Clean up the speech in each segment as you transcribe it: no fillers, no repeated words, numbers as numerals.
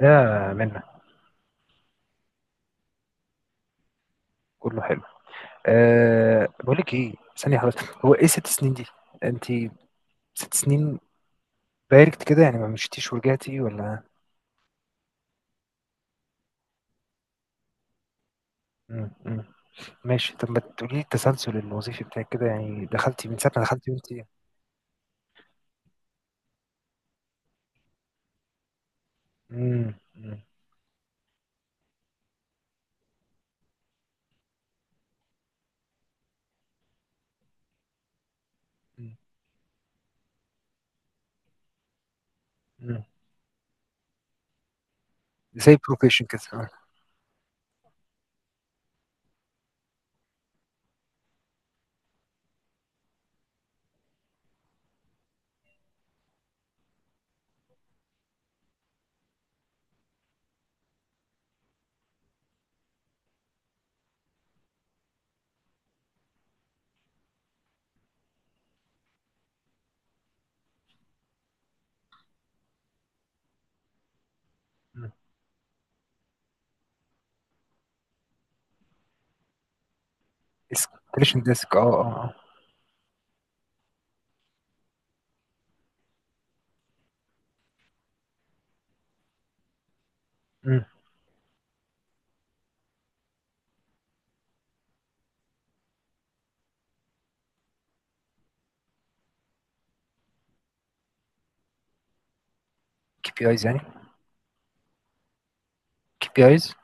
يا منى، كله حلو. أه، بقول لك ايه؟ ثانية، خلاص. هو ايه ست سنين دي؟ انت، ست سنين باركت كده، يعني ما مشيتيش ورجعتي ولا؟ مم. مم. ماشي، طب ما تقولي لي التسلسل الوظيفي بتاعك كده، يعني دخلتي من ساعة ما دخلتي وانت؟ مم. مم. مم. مم. زي بروفيشن كده، آه. مم. اسكليشن ديسك، اه اه اه. كي بي ايز يعني؟ كي بي ايز.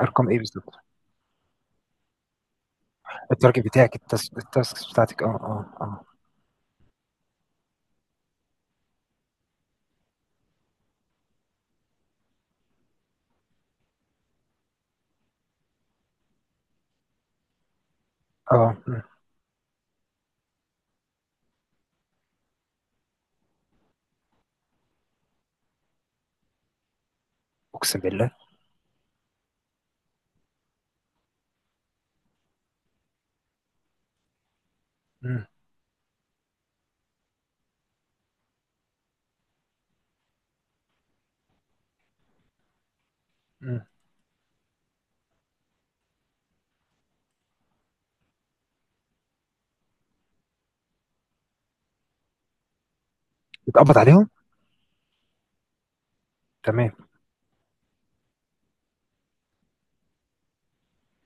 ارقام ايه بالظبط؟ التارجت بتاعك، التاسكس بتاعتك، اه اه اه اه. مم. اقسم بالله. اتقبض عليهم؟ تمام.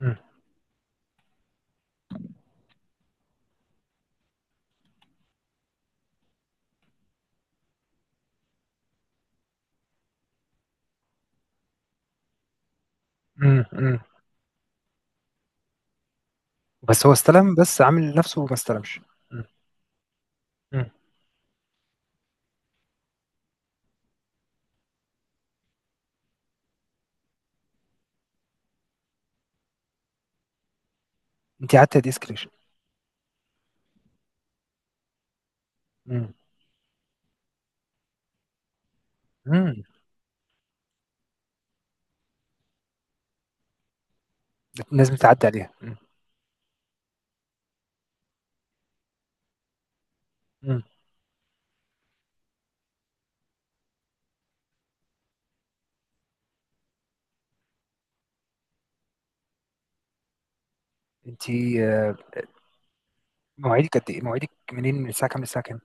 مم. مم. مم. بس هو استلم، بس عامل نفسه ما استلمش. مم. مم. انت قعدت قد ايه سكريشن؟ مم. مم. لازم تعدي عليها. مم. مم. انت. آه، مواعيدك قد ايه؟ مواعيدك منين، من الساعه كام للساعه كام؟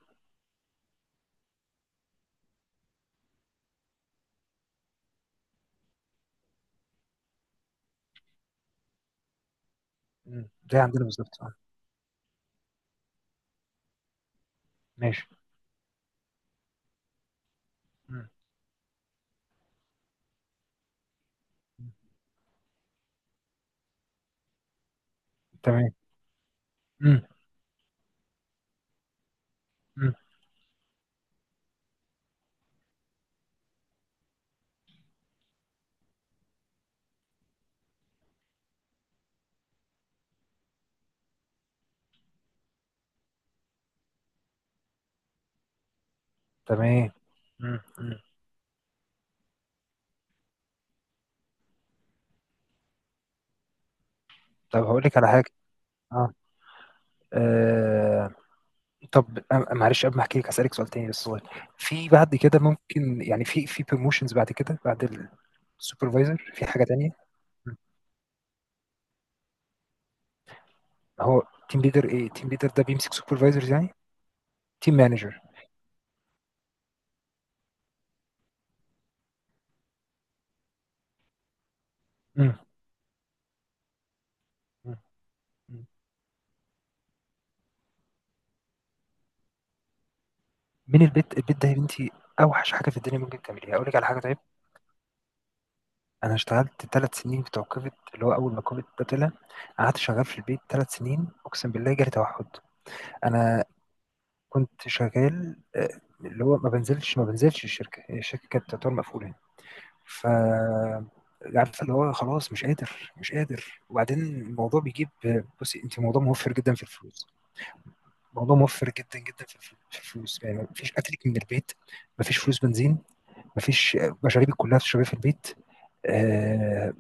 مم. زي عندنا بالظبط، آه. ماشي. مم. تمام. مم. مم. تمام. مم. مم. طب هقول لك على حاجه. اه، آه. طب معلش، قبل ما احكي لك هسألك سؤال تاني بس صغير. في بعد كده ممكن يعني، في بروموشنز بعد كده، بعد سوبرفايزر، في حاجة تانية؟ مم. هو تيم ليدر، ايه تيم ليدر ده، بيمسك سوبرفايزرز يعني؟ تيم مانجر. مم. مم. مم. من البيت؟ البيت ده يا بنتي اوحش حاجة في الدنيا ممكن تعمليها. اقول لك على حاجة، طيب. انا اشتغلت ثلاث سنين بتوع كوفيد، اللي هو اول ما كوفيد ده طلع قعدت شغال في البيت ثلاث سنين. اقسم بالله جالي توحد. انا كنت شغال، آه، اللي هو ما بنزلش ما بنزلش الشركة الشركة كانت تعتبر مقفولة. ف عارفه، اللي هو خلاص مش قادر مش قادر، وبعدين الموضوع بيجيب. بصي انت، موضوع موفر جدا في الفلوس، موضوع موفر جدا جدا في الفلوس. يعني مفيش اكلك من البيت، مفيش فلوس بنزين، مفيش، مشاريبك كلها بتشربيها في البيت، آه،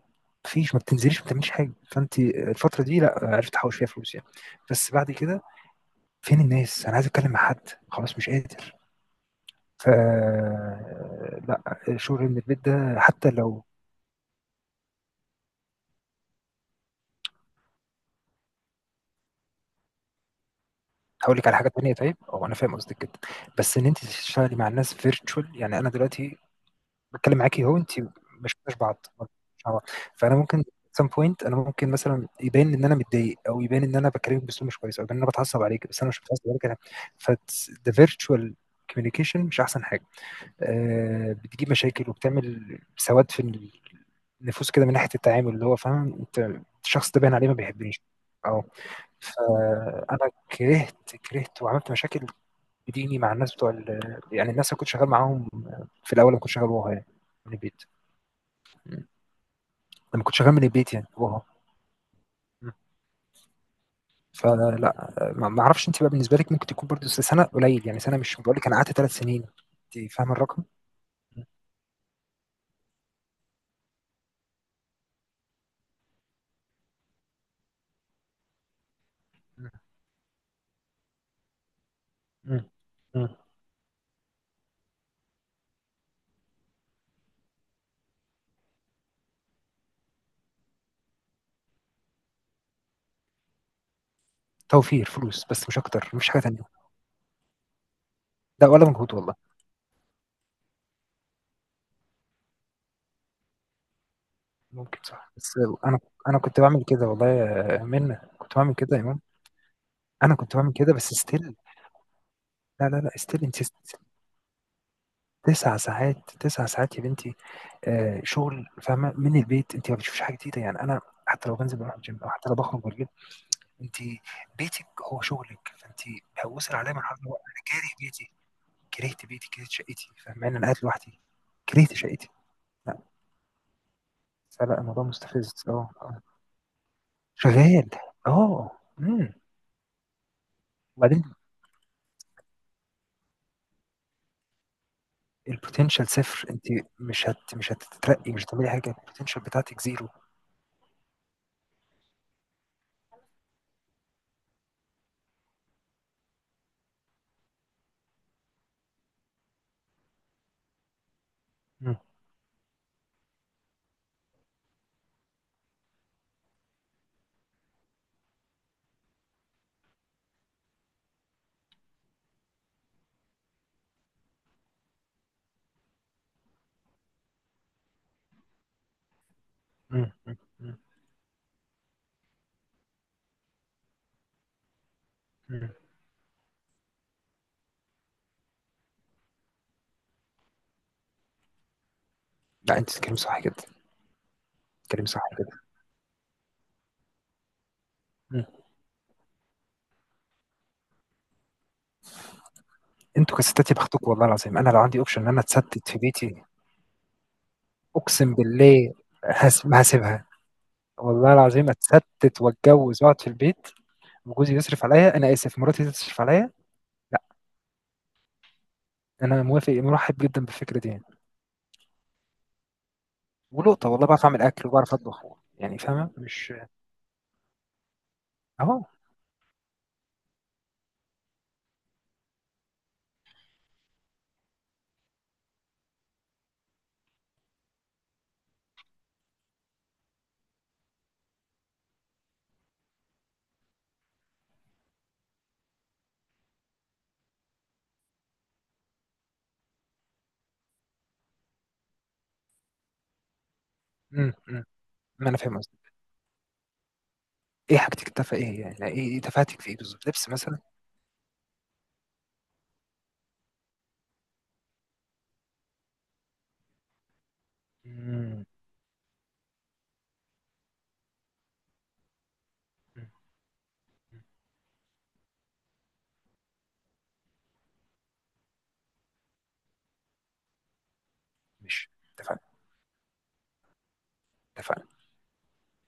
مفيش، ما بتنزليش ما بتعمليش حاجه، فانت الفتره دي لا عرفت احوش فيها فلوس يعني. بس بعد كده، فين الناس؟ انا عايز اتكلم مع حد، خلاص مش قادر. ف لا، شغل من البيت ده، حتى لو. هاقول لِك على حاجة تانية طيب، هو أنا فاهم قصدِك جدًا، بس إن أنتِ تشتغلي مع الناس virtual، يعني أنا دلوقتي باتكلم معاكِ أهو، أنتِ ما شفناش بعض، مش مع بعض، فأنا ممكن at some point أنا ممكن مثلًا يبان إن أنا متضايق، أو يبان إن أنا باكلمِك بأسلوب مش كويس، أو يبان إن أنا باتعصب عليكِ، بس أنا مش متعصب عليكِ. أنا فت the virtual communication مش أحسن حاجة، بتجيب مشاكل وبتعمل سواد في النفوس كده، من ناحية التعامل، اللي هو فاهمة، أنت الشخص ده باين عليه ما بيحبنيش. آه. فانا كرهت، كرهت وعملت مشاكل بديني مع الناس بتوع يعني الناس اللي كنت شغال معاهم في الاول، لما كنت شغال وها يعني من البيت. م. لما كنت شغال من البيت يعني، وها. م. فلا، ما اعرفش، انت بقى بالنسبه لك ممكن تكون برضه سنه قليل، يعني سنه، مش بقول لك انا قعدت ثلاث سنين. انت فاهم الرقم؟ م. م. م. توفير فلوس بس، مش اكتر، مش حاجه تانية. لا، ولا مجهود والله. ممكن صح بس، انا انا كنت بعمل كده، والله يا منى كنت بعمل كده يا امام. انا كنت بعمل كده بس ستيل. لا لا لا، استيل انت، تسع ساعات، تسع ساعات يا بنتي. آه شغل فاهمه من البيت، انت ما بتشوفيش حاجه جديده يعني. انا حتى لو بنزل بروح الجيم، او حتى لو بخرج بالليل، انت بيتك هو شغلك. فانت هوصل عليا مرحله اللي هو انا كاره بيتي. كرهت بيتي، كرهت شقتي، فاهمه، انا قاعد لوحدي. كرهت شقتي، لا. فلا الموضوع مستفز، اه، آه. شغال، اه، امم وبعدين البوتنشال صفر. انت مش هتترقي، مش هتعملي حاجه، البوتنشال بتاعتك زيرو. مم. مم. مم. مم. لا انت بتتكلمي صح جدا، بتتكلمي صح جدا. مم. انتوا كستات يا بختكم، والله العظيم انا لو عندي اوبشن ان انا اتستت في بيتي، اقسم بالله، ما هسيبها. والله العظيم، اتستت واتجوز واقعد في البيت وجوزي يصرف عليا، انا اسف، مراتي تصرف عليا. لا، انا موافق، مرحب جدا بالفكره دي يعني. ولقطه، والله بعرف اعمل اكل وبعرف اطبخ، يعني فاهمه، مش. اهو. امم امم ما انا فاهم قصدي. ايه حاجتك التافهه، ايه يعني؟ لا، إيه تفاهتك في ايه بالظبط؟ لبس مثلا؟ مم. مم. مم. مش تفاهه.